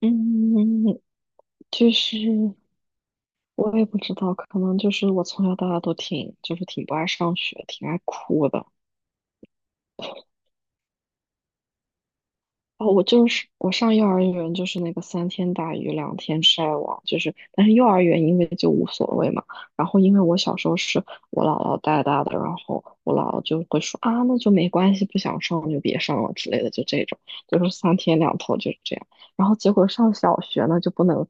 嗯，就是我也不知道，可能就是我从小到大都挺，就是挺不爱上学，挺爱哭的。哦，我就是我上幼儿园就是那个三天打鱼两天晒网，但是幼儿园因为就无所谓嘛，然后因为我小时候是我姥姥带大的，然后我姥姥就会说啊那就没关系，不想上就别上了之类的，就这种，就是三天两头就是这样。然后结果上小学呢就不能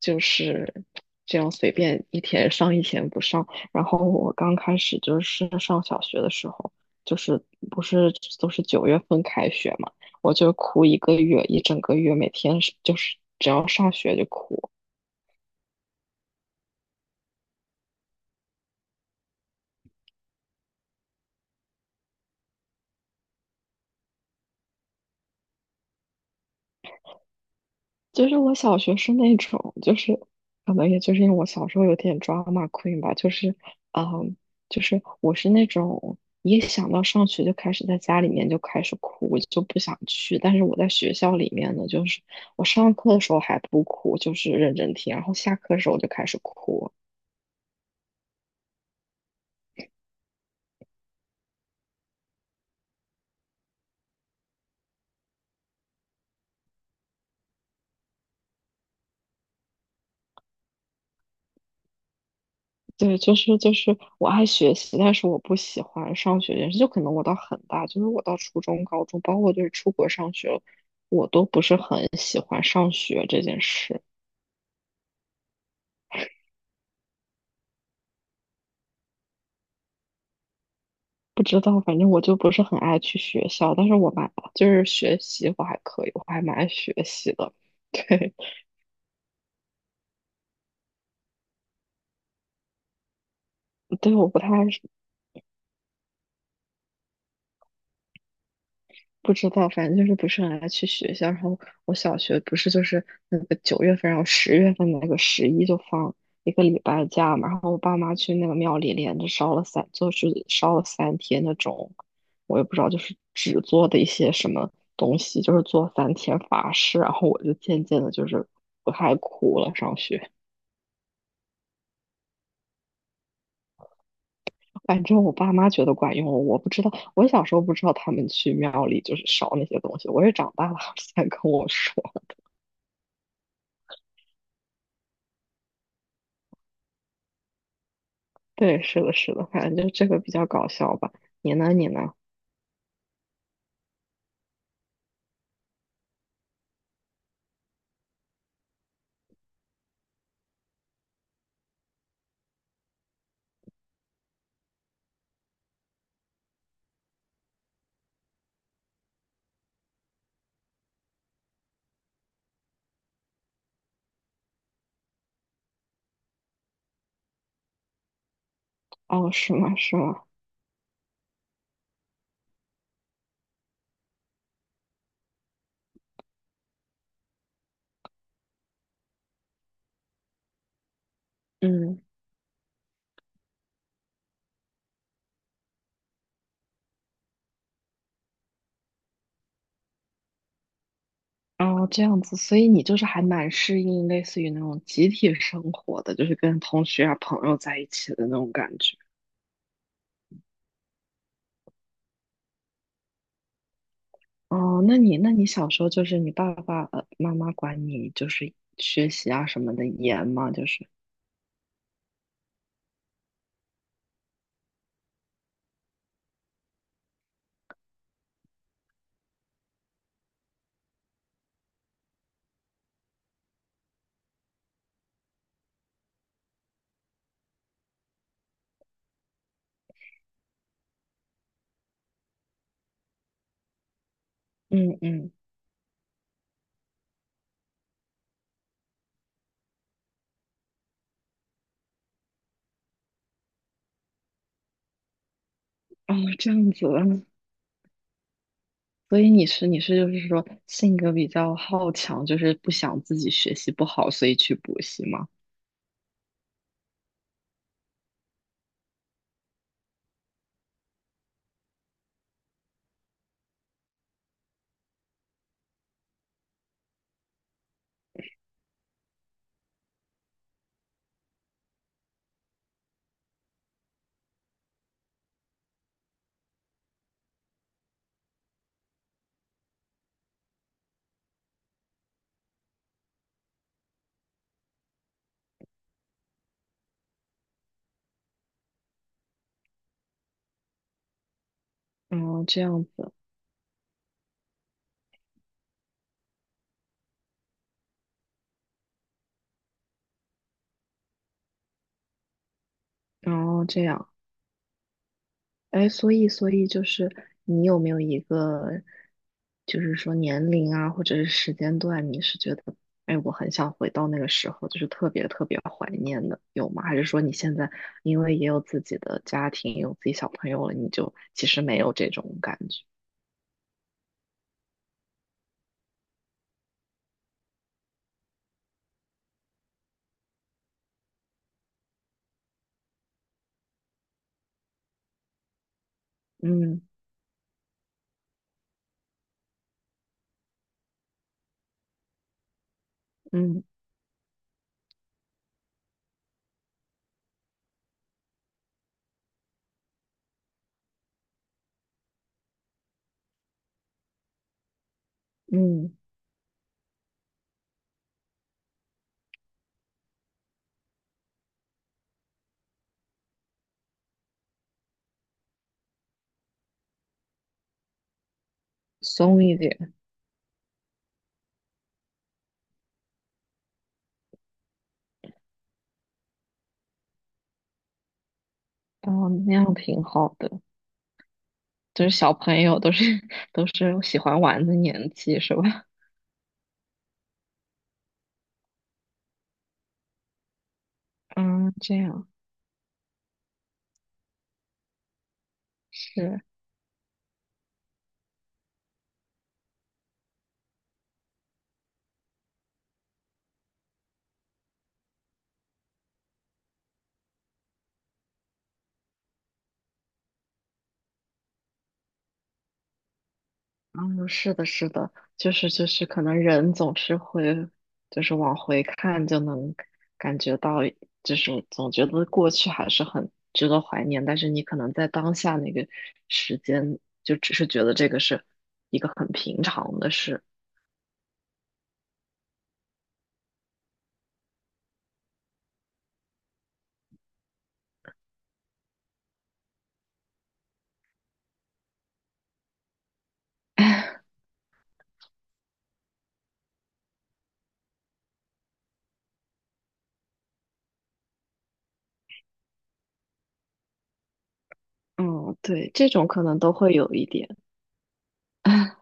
就是这样随便一天上一天不上，然后我刚开始就是上小学的时候，就是不是都是九月份开学嘛。我就哭一个月，一整个月，每天就是只要上学就哭。就是我小学是那种，就是可能也就是因为我小时候有点 drama queen 吧，嗯，就是我是那种一想到上学就开始在家里面就开始哭，我就不想去。但是我在学校里面呢，就是我上课的时候还不哭，就是认真听，然后下课的时候我就开始哭。对，就是我爱学习，但是我不喜欢上学这件事。就可能我到很大，就是我到初中、高中，包括就是出国上学，我都不是很喜欢上学这件事。不知道，反正我就不是很爱去学校，但是我蛮就是学习我还可以，我还蛮爱学习的。对，对，我不太爱，不知道，反正就是不是很爱去学校。然后我小学不是就是那个九月份，然后十月份那个十一就放一个礼拜假嘛。然后我爸妈去那个庙里连着烧了三天那种，我也不知道，就是纸做的一些什么东西，就是做三天法事。然后我就渐渐的就是不太哭了。上学，反正我爸妈觉得管用，我不知道。我小时候不知道他们去庙里就是烧那些东西，我是长大了他们才跟我说。对，是的，是的，反正就这个比较搞笑吧。你呢？你呢？哦，是吗？是吗？嗯，哦，这样子，所以你就是还蛮适应类似于那种集体生活的，就是跟同学啊、朋友在一起的那种感觉。哦，那你小时候就是你爸爸、妈妈管你就是学习啊什么的严吗？就是，嗯嗯，哦，这样子，所以你是就是说性格比较好强，就是不想自己学习不好，所以去补习吗？哦，这样子，哦，这样，哎，所以就是你有没有一个，就是说年龄啊，或者是时间段，你是觉得，哎，我很想回到那个时候，就是特别特别怀念的，有吗？还是说你现在因为也有自己的家庭，有自己小朋友了，你就其实没有这种感觉？嗯嗯嗯，松一点，哦，那样挺好的。就是小朋友都是 都是喜欢玩的年纪，是吧？嗯，这样是。嗯，是的，是的，就是，可能人总是会，就是往回看就能感觉到，就是总觉得过去还是很值得怀念，但是你可能在当下那个时间，就只是觉得这个是一个很平常的事。嗯，对，这种可能都会有一点。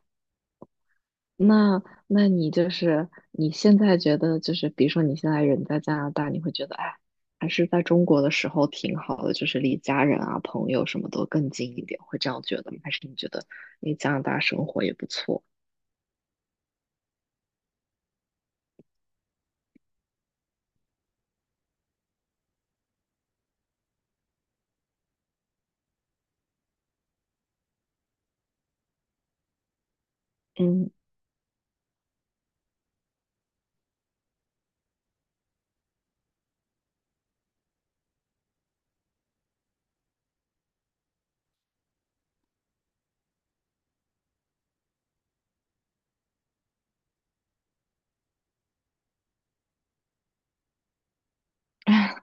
那那你就是你现在觉得就是，比如说你现在人在加拿大，你会觉得哎，还是在中国的时候挺好的，就是离家人啊、朋友什么都更近一点，会这样觉得吗？还是你觉得你加拿大生活也不错？嗯，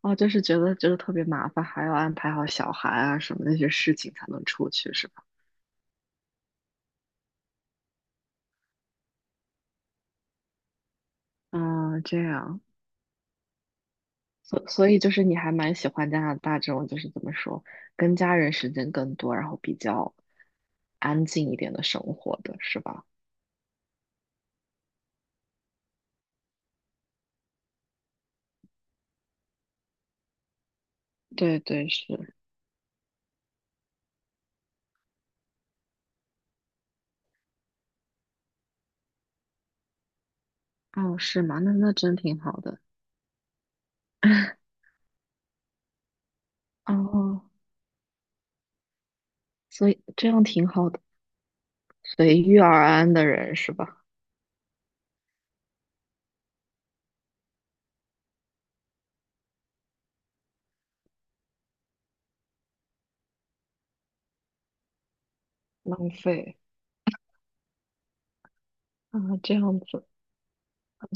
哦，就是觉得就是特别麻烦，还要安排好小孩啊什么那些事情才能出去，是吧？嗯，这样。所以就是你还蛮喜欢加拿大这种，就是怎么说，跟家人时间更多，然后比较安静一点的生活的是吧？对对是，哦是吗？那那真挺好的。哦，所以这样挺好的，随遇而安的人是吧？浪费啊，这样子，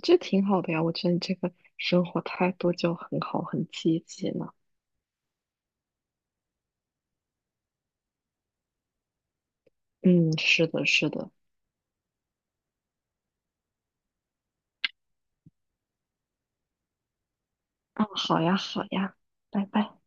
这挺好的呀。我觉得你这个生活态度就很好，很积极呢。嗯，是的，是的。啊，好呀，好呀，拜拜。